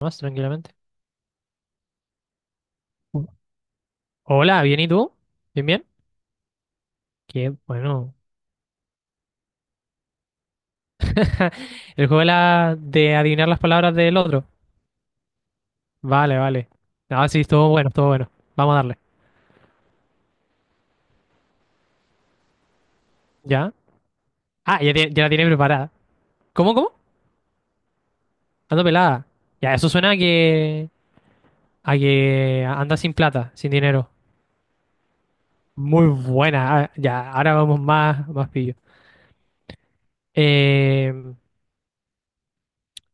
Más tranquilamente. Hola, ¿bien y tú? ¿Bien, bien? Qué bueno. El juego de, de adivinar las palabras del otro. Vale, vale. Sí, estuvo bueno, estuvo bueno. Vamos a darle. ¿Ya? Ya, ya la tiene preparada. ¿Cómo, cómo? Ando pelada. Ya, eso suena a que anda sin plata, sin dinero. Muy buena. Ya, ahora vamos más, más pillo. Eh,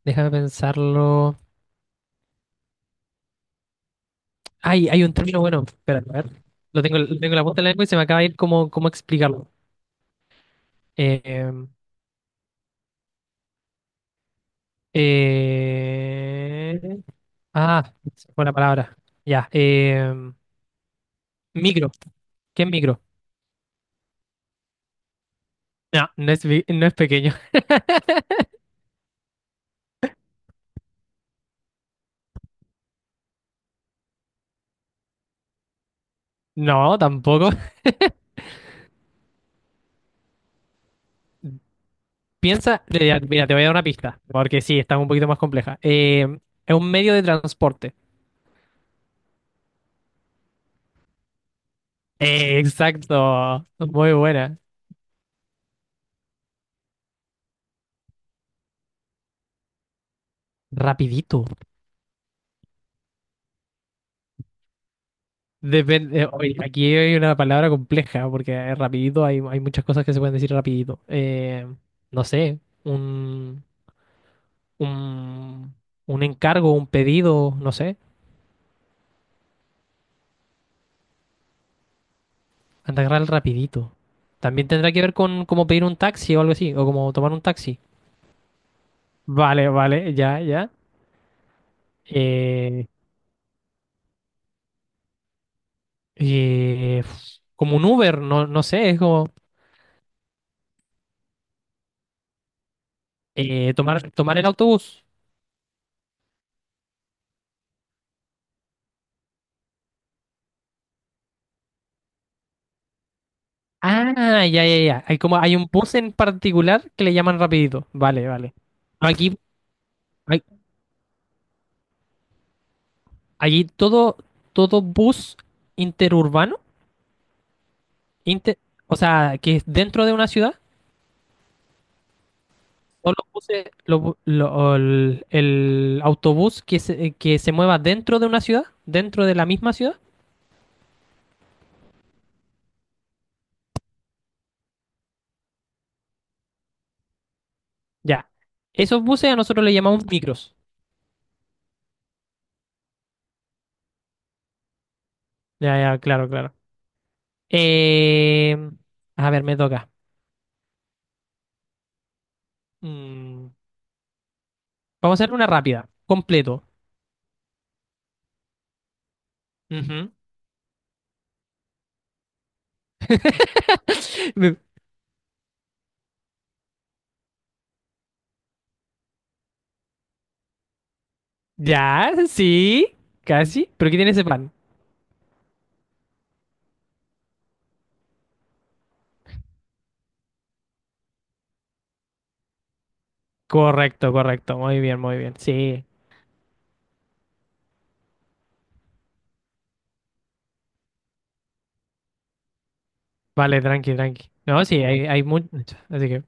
Déjame pensarlo. Ay, hay un término bueno. Espera, a ver. Lo tengo en la punta de la lengua y se me acaba de ir cómo, cómo explicarlo. Eh, eh, ah, se me fue la palabra. Ya. Micro. ¿Qué es micro? No, no es, no es pequeño. No, tampoco. Piensa, ya, mira, te voy a dar una pista, porque sí, está un poquito más compleja. Es un medio de transporte. Exacto. Muy buena. Rapidito. Depende, oye, aquí hay una palabra compleja, porque rapidito hay, hay muchas cosas que se pueden decir rapidito. No sé, un, un encargo, un pedido, no sé, anda a agarrar rapidito. También tendrá que ver con cómo pedir un taxi o algo así, o como tomar un taxi. Vale, vale, ya, ya. Eh, como un Uber, no, no sé, es como tomar, tomar el autobús. Ah, ya, ya, ya. Hay como hay un bus en particular que le llaman rapidito. Vale, vale. Aquí, hay- allí todo, todo bus interurbano, inter o sea, que es dentro de una ciudad. O los buses, o el autobús que se mueva dentro de una ciudad, dentro de la misma ciudad, ya. Esos buses a nosotros le llamamos micros. Ya, ya, claro, claro. Eh, a ver, me toca. Mm, vamos a hacer una rápida, completo. Ujú. Me- ya, sí, casi. ¿Pero qué tiene ese plan? Correcto, correcto. Muy bien, muy bien. Sí. Vale, tranqui, tranqui. No, sí, hay mucho. Así que,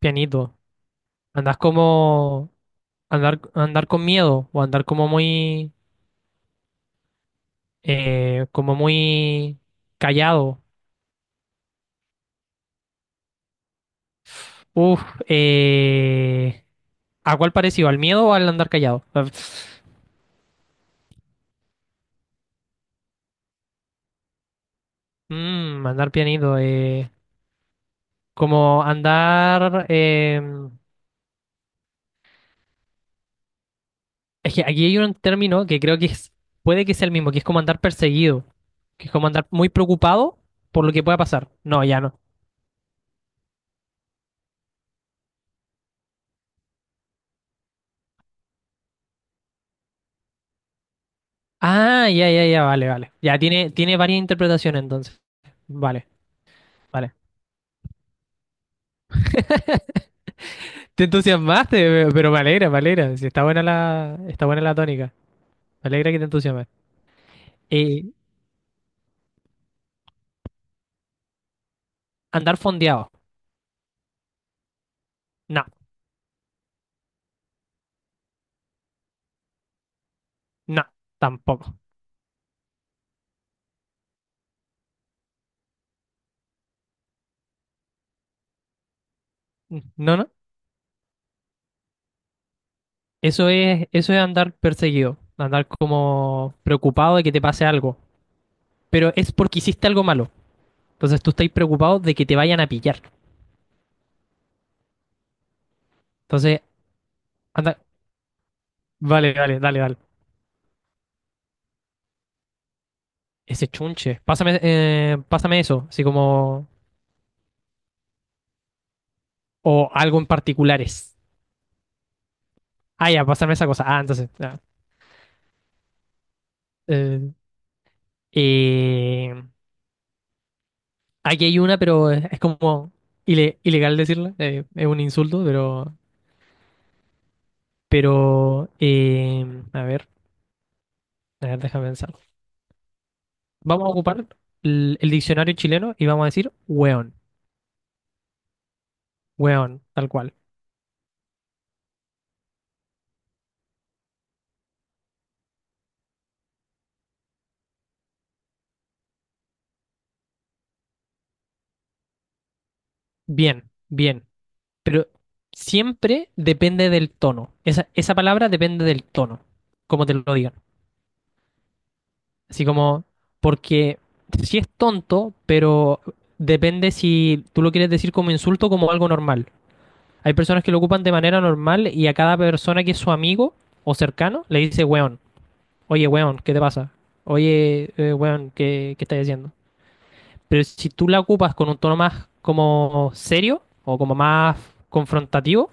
pianito. Andas como andar, andar con miedo o andar como muy callado. Uf, eh, ¿a cuál parecido? ¿Al miedo o al andar callado? Ah, andar pianito, como andar es que aquí hay un término que creo que puede que sea el mismo, que es como andar perseguido, que es como andar muy preocupado por lo que pueda pasar. No, ya no. Ah, ya, ya, ya, vale, vale. Ya tiene, tiene varias interpretaciones entonces. Vale. Vale. Te entusiasmaste, pero me alegra, me alegra. Sí, está buena la tónica. Me alegra que te entusiasmes. Eh, Andar fondeado. No, no, tampoco. No, no. Eso es andar perseguido. Andar como preocupado de que te pase algo. Pero es porque hiciste algo malo. Entonces tú estás preocupado de que te vayan a pillar. Entonces, anda. Vale, vale, dale, dale. Ese chunche. Pásame, pásame eso. Así como. O algo en particulares. Ah, ya, pásame esa cosa. Ah, entonces. Ya. Eh, Eh, aquí hay una, pero es como ilegal decirla, es un insulto, pero a ver, a ver, déjame pensar. Vamos a ocupar el diccionario chileno y vamos a decir weón, weón, tal cual. Bien, bien, pero siempre depende del tono. Esa palabra depende del tono, como te lo digan. Así como, porque si es tonto, pero depende si tú lo quieres decir como insulto o como algo normal. Hay personas que lo ocupan de manera normal y a cada persona que es su amigo o cercano le dice, weón, oye, weón, ¿qué te pasa? Oye, weón, ¿qué, qué estás haciendo? Pero si tú la ocupas con un tono más como serio o como más confrontativo,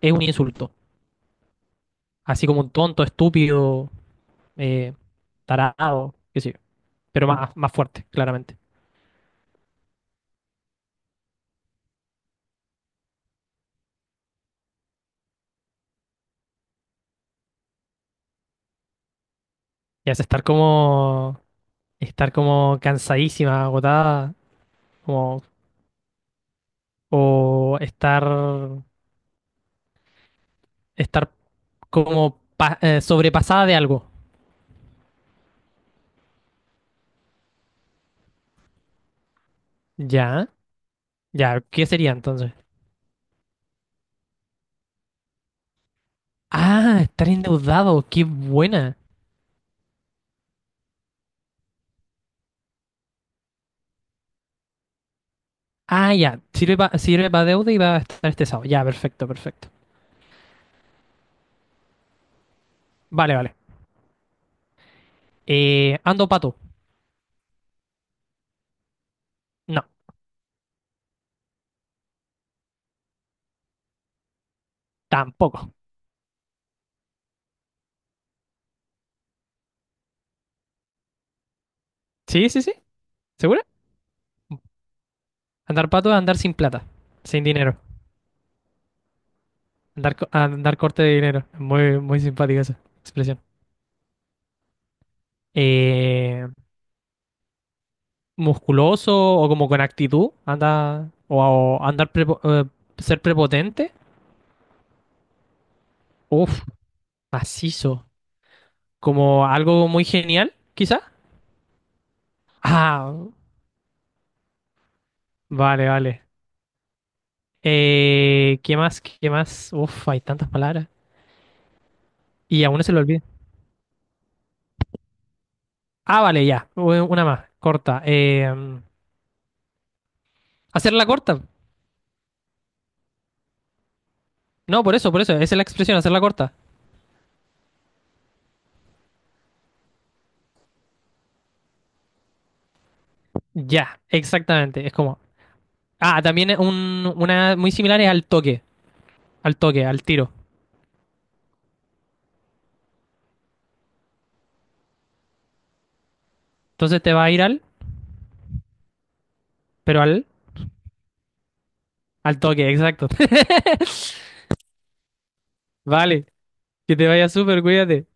es un insulto. Así como un tonto, estúpido, eh, tarado, qué sé yo. Pero más, más fuerte, claramente. Y hace estar como cansadísima, agotada, como, o estar estar como sobrepasada de algo. Ya, ya, ¿qué sería entonces? Ah, estar endeudado, qué buena. Ah, ya, sirve para sirve pa deuda y va a estar estresado. Ya, perfecto, perfecto. Vale, vale. ¿Ando pato? No, tampoco. Sí, sí, sí, ¿segura? Andar pato es andar sin plata, sin dinero. Andar, andar corte de dinero. Muy, muy simpática esa expresión. Eh, Musculoso o como con actitud, anda, o andar ser prepotente, uf macizo, como algo muy genial, quizá. Ah, vale, vale. ¿Qué más? ¿Qué más? Uf, hay tantas palabras. Y a uno se le olvida. Ah, vale, ya, una más, corta. Hacerla corta. No, por eso, esa es la expresión, hacerla corta. Ya, exactamente, es como... Ah, también es una muy similar es al toque, al toque, al tiro. Entonces te va a ir al... Pero al, al toque, exacto. Vale, que te vaya súper, cuídate.